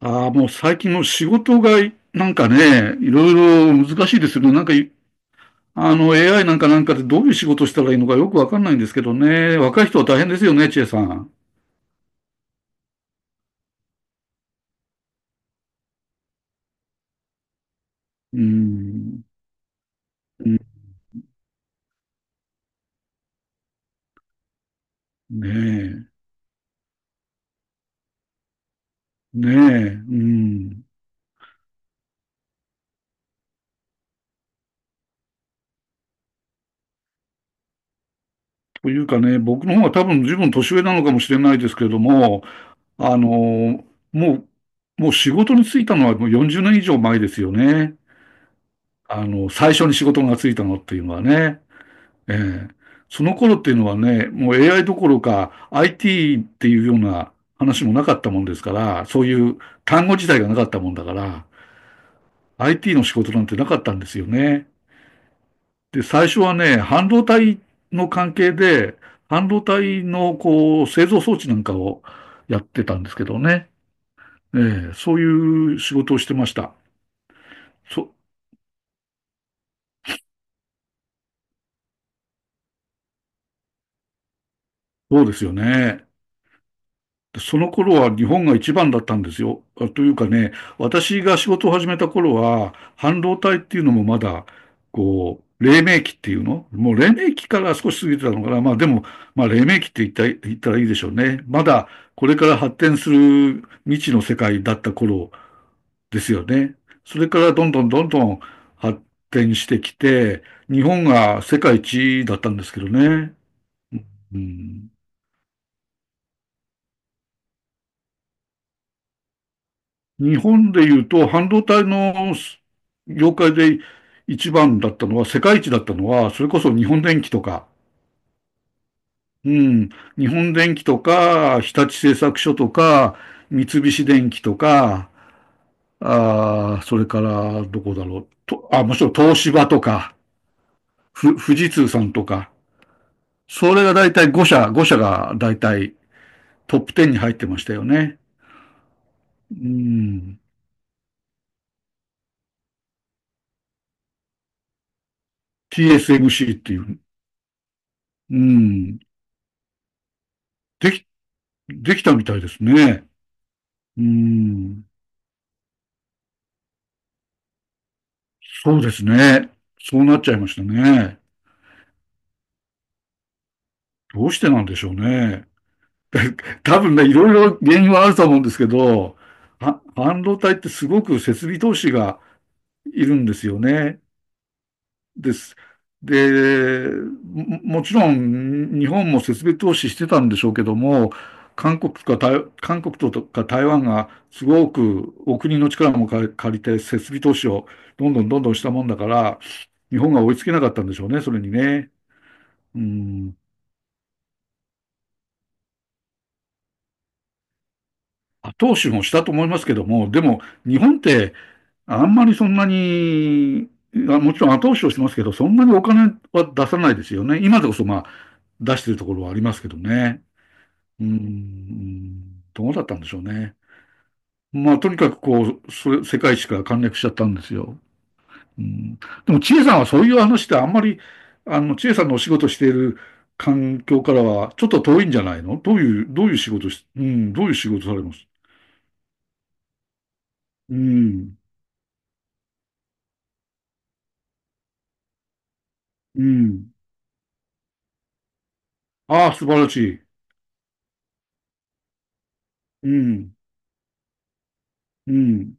ああ、もう最近の仕事がなんかね、いろいろ難しいですよね。なんかい、あの、AI なんかでどういう仕事したらいいのかよくわかんないんですけどね。若い人は大変ですよね、千恵さん。うん。ねえ。ねえ。うん。というかね、僕の方が多分十分年上なのかもしれないですけれども、あの、もう、もう仕事に就いたのはもう40年以上前ですよね。最初に仕事がついたのっていうのはね。ええ。その頃っていうのはね、もう AI どころか IT っていうような話もなかったもんですから、そういう単語自体がなかったもんだから、IT の仕事なんてなかったんですよね。で、最初はね、半導体の関係で、半導体のこう製造装置なんかをやってたんですけどね。ええ、そういう仕事をしてました。そ、そうですよね。その頃は日本が一番だったんですよ。というかね、私が仕事を始めた頃は、半導体っていうのもまだ、こう、黎明期っていうのもう黎明期から少し過ぎてたのかな。まあでも、まあ黎明期って言ったらいいでしょうね。まだこれから発展する未知の世界だった頃ですよね。それからどんどんどんどん発展してきて、日本が世界一だったんですけどね。うん。日本で言うと、半導体の業界で一番だったのは、世界一だったのは、それこそ日本電機とか、うん、日本電機とか、日立製作所とか、三菱電機とか、それからどこだろう、もちろん東芝とか、富士通さんとか、それが大体5社、5社が大体トップ10に入ってましたよね。うん、TSMC っていう、うん、でき、できたみたいですね。うーん、そうですね。そうなっちゃいましたね。どうしてなんでしょうね。多分ね、いろいろ原因はあると思うんですけど、半導体ってすごく設備投資がいるんですよね。です。で、もちろん日本も設備投資してたんでしょうけども、韓国とか台湾がすごくお国の力も借りて設備投資をどんどんどんどんしたもんだから、日本が追いつけなかったんでしょうね、それにね。うん。後押しもしたと思いますけども、でも日本ってあんまりそんなに、もちろん後押しをしますけど、そんなにお金は出さないですよね。今でこそまあ出してるところはありますけどね。うーん、どうだったんでしょうね。まあ、とにかくこう、それ世界史から陥落しちゃったんですよ。うん、でも、千恵さんはそういう話ってあんまり、千恵さんのお仕事している環境からはちょっと遠いんじゃないの。どういう、どういう仕事し、うん、どういう仕事されます？うん、うん。ああ、素晴らしい。うん、うん。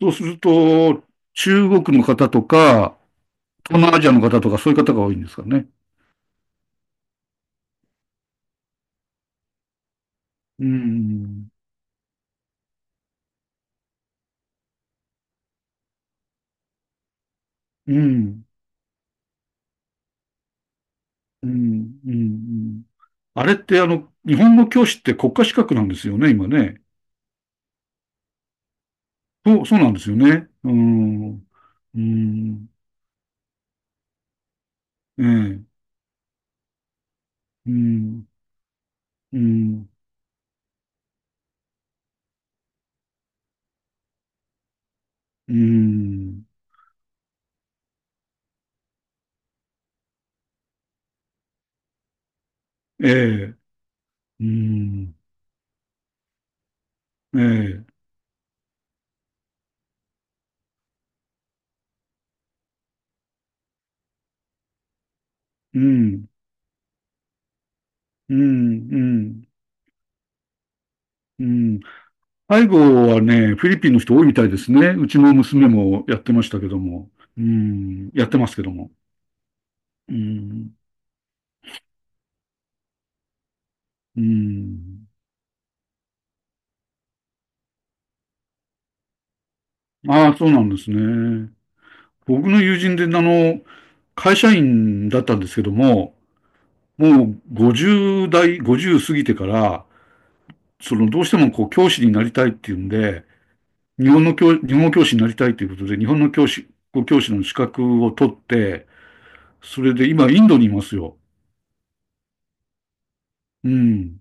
そうすると、中国の方とか、東南アジアの方とか、そういう方が多いんですかね。うん、うん、うん、うん、うん。うん。あれってあの、日本の教師って国家資格なんですよね、今ね。そうなんですよね。うーん。うーん。ええ。うーん。うーん。うーん。ええ。うーん。ええ。うん。うん。うん。うん。背後はね、フィリピンの人多いみたいですね。うちの娘もやってましたけども。うーん。やってますけども。うーん。うーん。ああ、そうなんですね。僕の友人で、会社員だったんですけども、もう50代、50過ぎてから、その、どうしてもこう、教師になりたいっていうんで、日本語教師になりたいということで、日本の教師、教師の資格を取って、それで今、インドにいますよ。うん。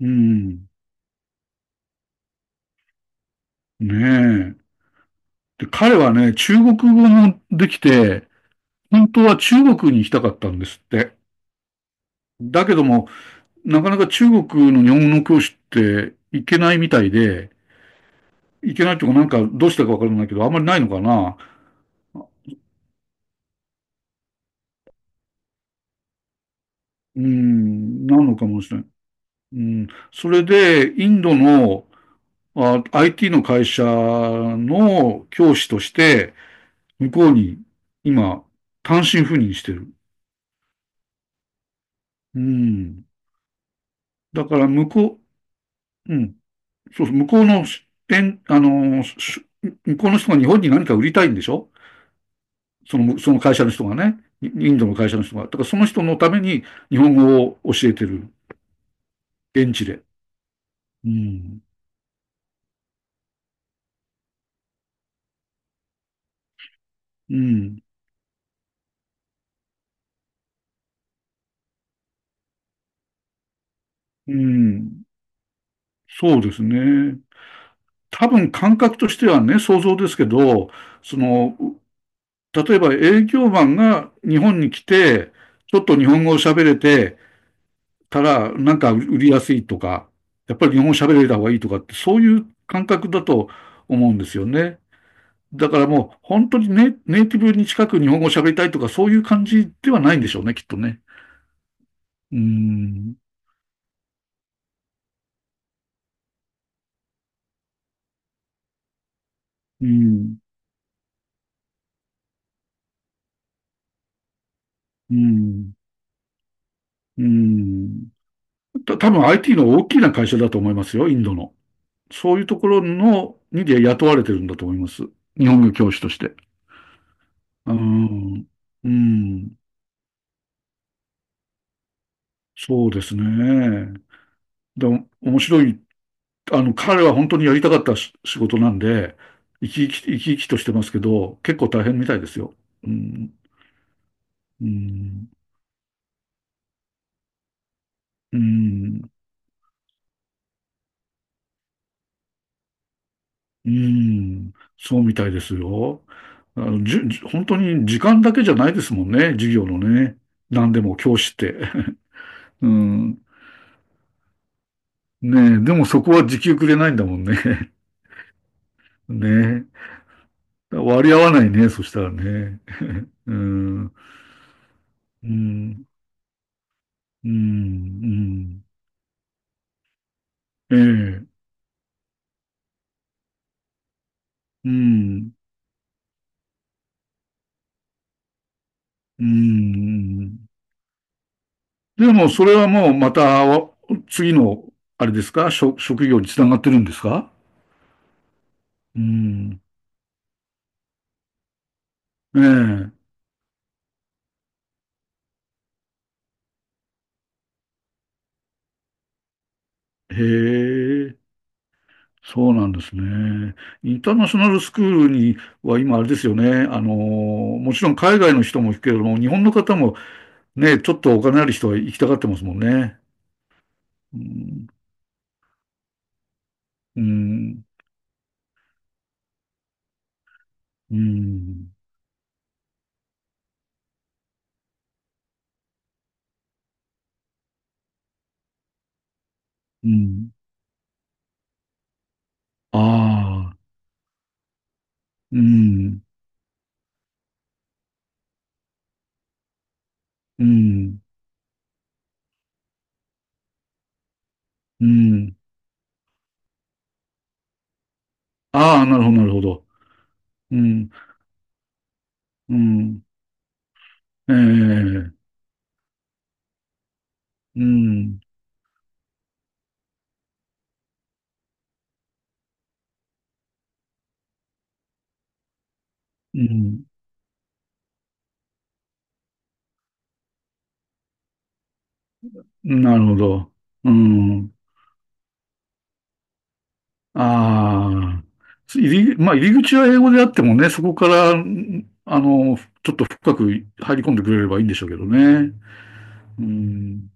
うん。ねえ。で、彼はね、中国語もできて、本当は中国に行きたかったんですって。だけども、なかなか中国の日本語教師って行けないみたいで、行けないとかなんかどうしたかわからないけど、あんまりないのかな。うん、なのかもしれない。うん、それで、インドのIT の会社の教師として、向こうに今、単身赴任してる。うん。だから向こう、うん。そうそう、えん、あの、向こうの人が日本に何か売りたいんでしょ、その会社の人がね、インドの会社の人が、だからその人のために日本語を教えてる、現地で。うん、うん、うん、そうですね。多分感覚としてはね、想像ですけど、その、例えば営業マンが日本に来て、ちょっと日本語を喋れてたら、なんか売りやすいとか、やっぱり日本語喋れた方がいいとかって、そういう感覚だと思うんですよね。だからもう本当にネイティブに近く日本語を喋りたいとかそういう感じではないんでしょうね、きっとね。うーん。うん。うん。うん。多分 IT の大きな会社だと思いますよ、インドの。そういうところにで雇われてるんだと思います。日本語教師として。うん。うん。そうですね。でも面白い。彼は本当にやりたかったし仕事なんで、生き生きとしてますけど、結構大変みたいですよ。うん。うん、うん、うん、そうみたいですよ。あの、じゅ、じ本当に時間だけじゃないですもんね、授業のね。何でも教師って。うん。ねえ、でもそこは時給くれないんだもんね。ねえ。割り合わないね、そしたらね。うん、うん、うん、うん。ええ、うん、うん。でもそれはもうまた次の、あれですか、職業につながってるんですか？うん。ええ、へえ、そうなんですね。インターナショナルスクールには今あれですよね。もちろん海外の人も行くけれども、日本の方もね、ちょっとお金ある人は行きたがってますもんね。うん、うん、うん、うん。ああ、うん、うん、うん。ああ、なるほど、なるほど。うん、うん、ええ、うん、うん、なるほど。うん。ああ、入り、まあ、入り口は英語であってもね、そこから、ちょっと深く入り込んでくれればいいんでしょうけどね。うん。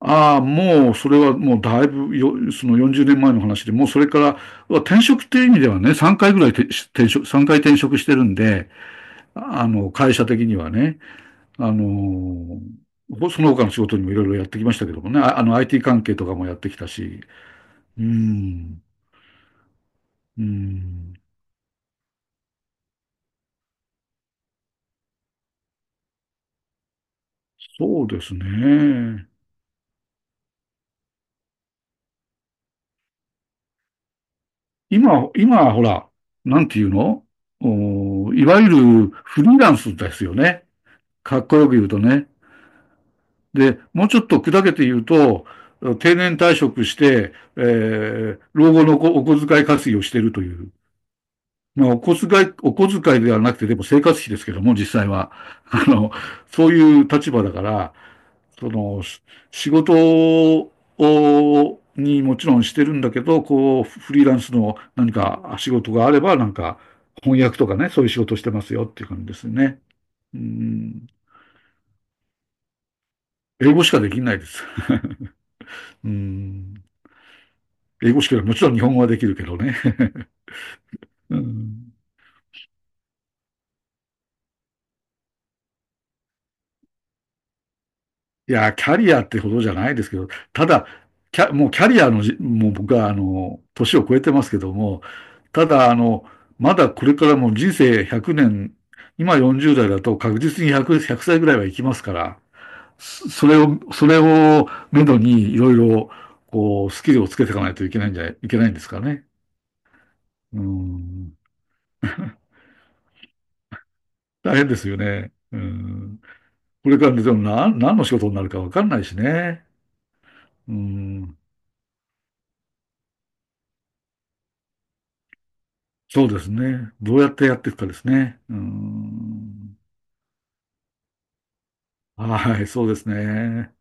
ああ、もう、それはもうだいぶよ、その40年前の話で、もうそれから、転職っていう意味ではね、3回ぐらいてし転職、3回転職してるんで、会社的にはね、あの、その他の仕事にもいろいろやってきましたけどもね、IT 関係とかもやってきたし、うん、うん。そうですね。今、今、ほら、なんていうの、いわゆるフリーランスですよね。かっこよく言うとね。で、もうちょっと砕けて言うと、定年退職して、老後のお小遣い稼ぎをしているという、お小遣い、お小遣いではなくて、でも生活費ですけども、実際は。あの、そういう立場だから、その、仕事にもちろんしてるんだけど、こう、フリーランスの何か仕事があれば、なんか、翻訳とかね、そういう仕事してますよっていう感じですね。うん。英語しかできないです。うん。英語しか、もちろん日本語はできるけどね。うん。いや、キャリアってほどじゃないですけど、ただ、キャ、もうキャリアのじ、もう僕は、年を超えてますけども、ただ、まだこれからも人生100年、今40代だと確実に100、ひゃく歳ぐらいはいきますから、それを、それをめどにいろいろ、こう、スキルをつけていかないといけないんですかね。うん。大変ですよね。うん。これからでも何の仕事になるかわかんないしね。うん。そうですね。どうやってやっていくかですね。うーん。はい、そうですね。